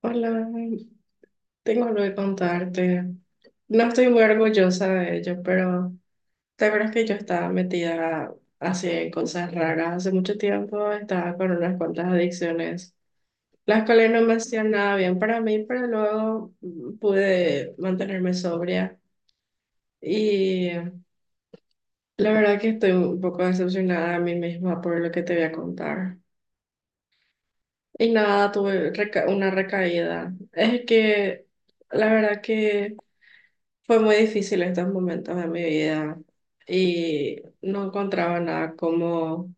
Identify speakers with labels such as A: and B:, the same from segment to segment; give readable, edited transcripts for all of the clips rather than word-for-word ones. A: Hola, tengo algo que contarte. No estoy muy orgullosa de ello, pero la verdad es que yo estaba metida así en cosas raras hace mucho tiempo, estaba con unas cuantas adicciones, las cuales no me hacían nada bien para mí, pero luego pude mantenerme sobria y la verdad que estoy un poco decepcionada de mí misma por lo que te voy a contar. Y nada, una recaída. Es que la verdad que. Fue muy difícil estos momentos de mi vida y no encontraba nada como,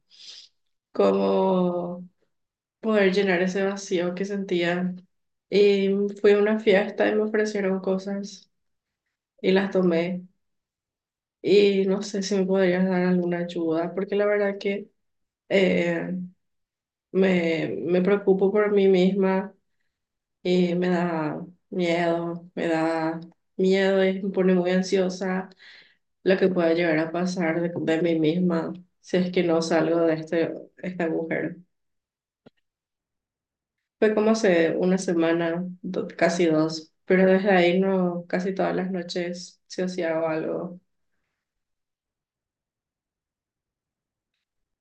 A: como poder llenar ese vacío que sentía. Y fui a una fiesta y me ofrecieron cosas y las tomé. Y no sé si me podrías dar alguna ayuda, porque la verdad que eh, me preocupo por mí misma y me da miedo y me pone muy ansiosa. Lo que pueda llegar a pasar de mí misma si es que no salgo de este, este agujero. Fue como hace una semana, casi dos, pero desde ahí no, casi todas las noches se hacía algo.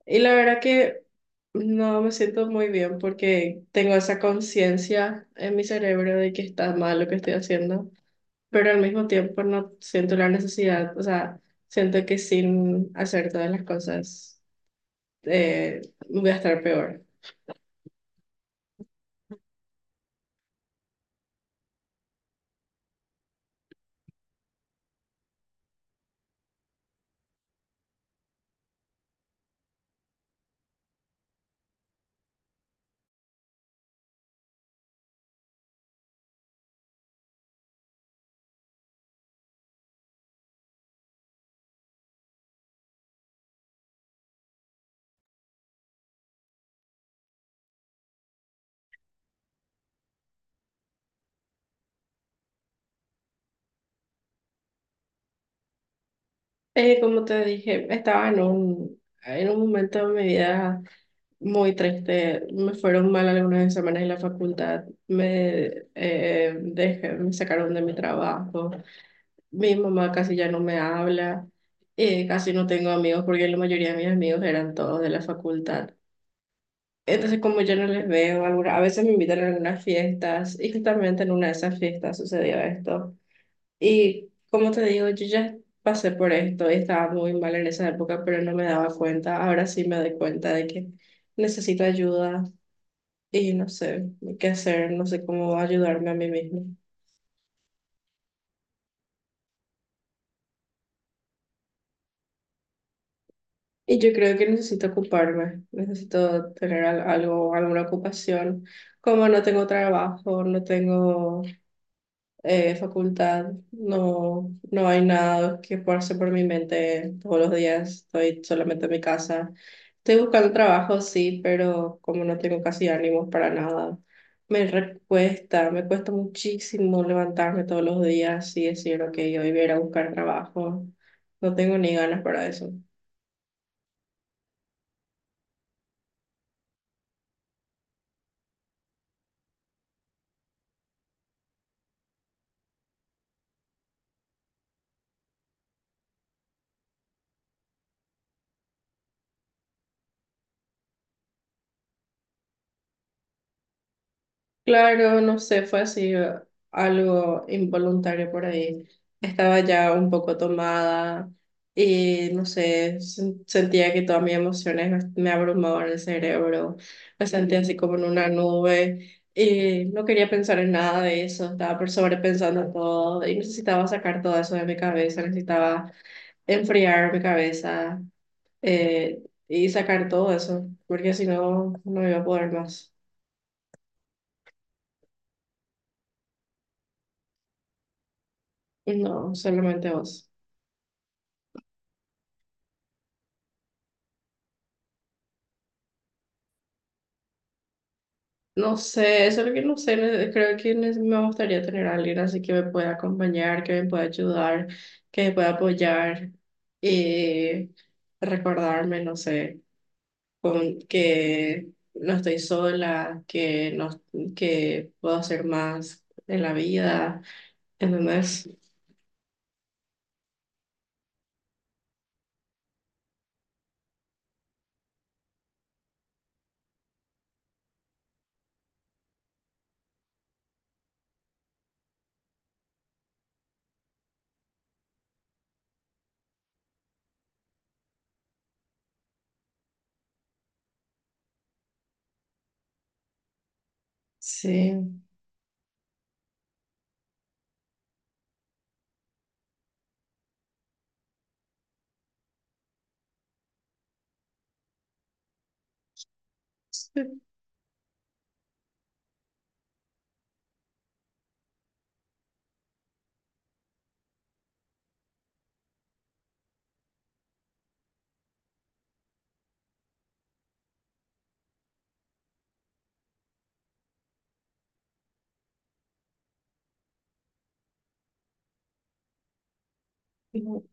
A: Y la verdad que no me siento muy bien porque tengo esa conciencia en mi cerebro de que está mal lo que estoy haciendo, pero al mismo tiempo no siento la necesidad, o sea, siento que sin hacer todas las cosas eh, voy a estar peor. Como te dije, estaba en un momento de mi vida muy triste. Me fueron mal algunas semanas en la facultad. Me sacaron de mi trabajo. Mi mamá casi ya no me habla. Casi no tengo amigos porque la mayoría de mis amigos eran todos de la facultad. Entonces, como yo no les veo, a veces me invitan a algunas fiestas y justamente en una de esas fiestas sucedió esto. Y como te digo, yo ya pasé por esto y estaba muy mal en esa época, pero no me daba cuenta. Ahora sí me doy cuenta de que necesito ayuda y no sé qué hacer, no sé cómo ayudarme a mí misma. Y yo creo que necesito ocuparme, necesito tener algo, alguna ocupación. Como no tengo trabajo, no tengo facultad, no hay nada que pase por mi mente todos los días, estoy solamente en mi casa. Estoy buscando trabajo, sí, pero como no tengo casi ánimos para nada, cuesta, me cuesta muchísimo levantarme todos los días y decir, ok, hoy voy a ir a buscar trabajo. No tengo ni ganas para eso. Claro, no sé, fue así algo involuntario por ahí. Estaba ya un poco tomada y no sé, sentía que todas mis emociones me abrumaban el cerebro. Me sentía así como en una nube y no quería pensar en nada de eso. Estaba por sobrepensando todo y necesitaba sacar todo eso de mi cabeza, necesitaba enfriar mi cabeza eh, y sacar todo eso, porque si no, no iba a poder más. No, solamente vos. No sé, eso es lo que no sé. Creo que me gustaría tener a alguien así que me pueda acompañar, que me pueda ayudar, que me pueda apoyar y recordarme, no sé, con, que no estoy sola, que, no, que puedo hacer más en la vida. ¿Entendés? Sí. Sí. No.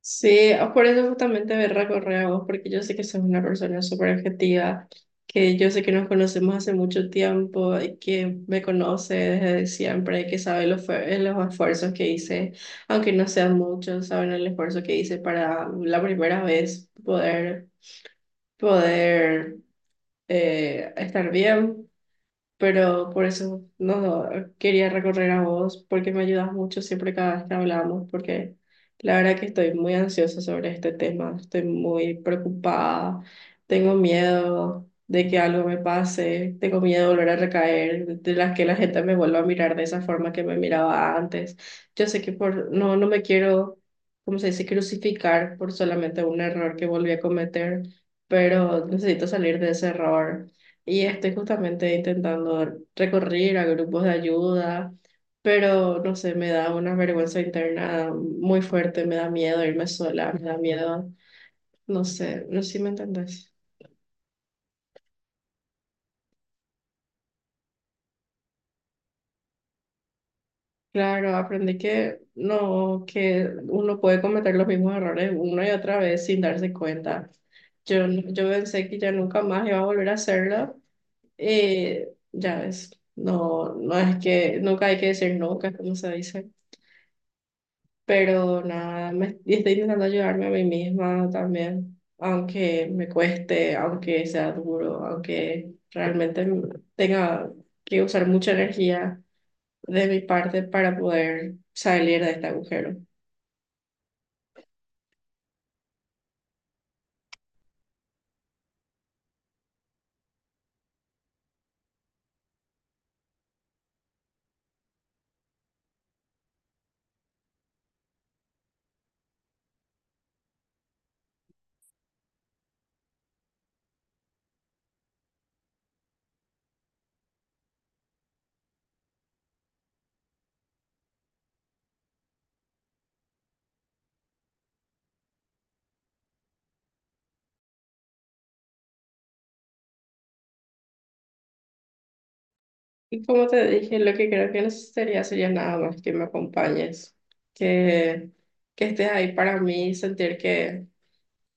A: Sí, por eso justamente me recorré a vos, porque yo sé que sos una persona súper objetiva, que yo sé que nos conocemos hace mucho tiempo y que me conoce desde siempre, que sabe los, los esfuerzos que hice, aunque no sean muchos, saben el esfuerzo que hice para la primera vez poder, poder estar bien, pero por eso no no, quería recorrer a vos, porque me ayudas mucho siempre cada vez que hablamos, porque la verdad que estoy muy ansiosa sobre este tema, estoy muy preocupada, tengo miedo de que algo me pase, tengo miedo de volver a recaer, de las que la gente me vuelva a mirar de esa forma que me miraba antes. Yo sé que por no me quiero, ¿cómo se dice?, crucificar por solamente un error que volví a cometer, pero necesito salir de ese error. Y estoy justamente intentando recurrir a grupos de ayuda, pero no sé, me da una vergüenza interna muy fuerte, me da miedo irme sola, me da miedo, no sé, no sé si me entendés. Claro, aprendí que no, que uno puede cometer los mismos errores una y otra vez sin darse cuenta. Yo pensé que ya nunca más iba a volver a hacerlo. Ya ves, no, no es que nunca hay que decir nunca, como se dice. Pero nada, y estoy intentando ayudarme a mí misma también, aunque me cueste, aunque sea duro, aunque realmente tenga que usar mucha energía de mi parte para poder salir de este agujero. Y como te dije, lo que creo que necesitaría sería nada más que me acompañes, que, que estés ahí para mí, sentir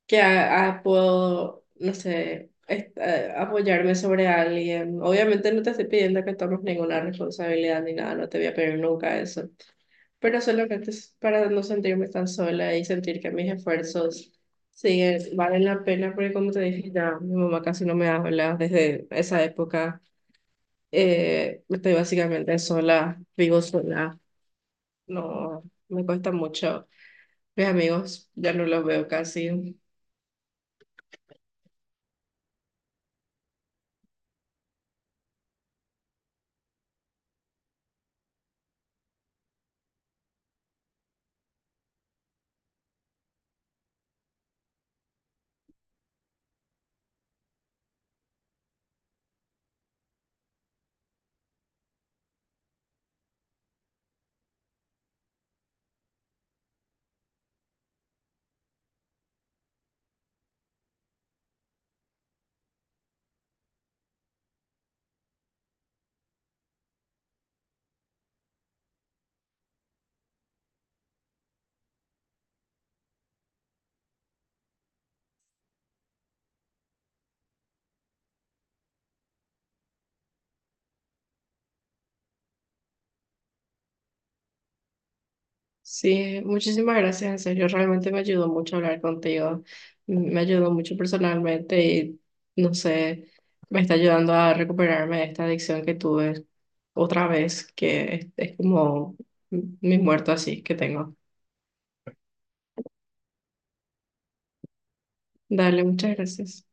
A: que puedo, no sé, apoyarme sobre alguien. Obviamente no te estoy pidiendo que tomes ninguna responsabilidad ni nada, no te voy a pedir nunca eso, pero solamente es para no sentirme tan sola y sentir que mis esfuerzos siguen, valen la pena, porque como te dije, ya mi mamá casi no me habla desde esa época. Estoy básicamente sola, vivo sola, no me cuesta mucho. Mis amigos ya no los veo casi. Sí, muchísimas gracias, en serio, realmente me ayudó mucho hablar contigo, me ayudó mucho personalmente y no sé, me está ayudando a recuperarme de esta adicción que tuve otra vez, que es como mi muerto así que tengo. Dale, muchas gracias.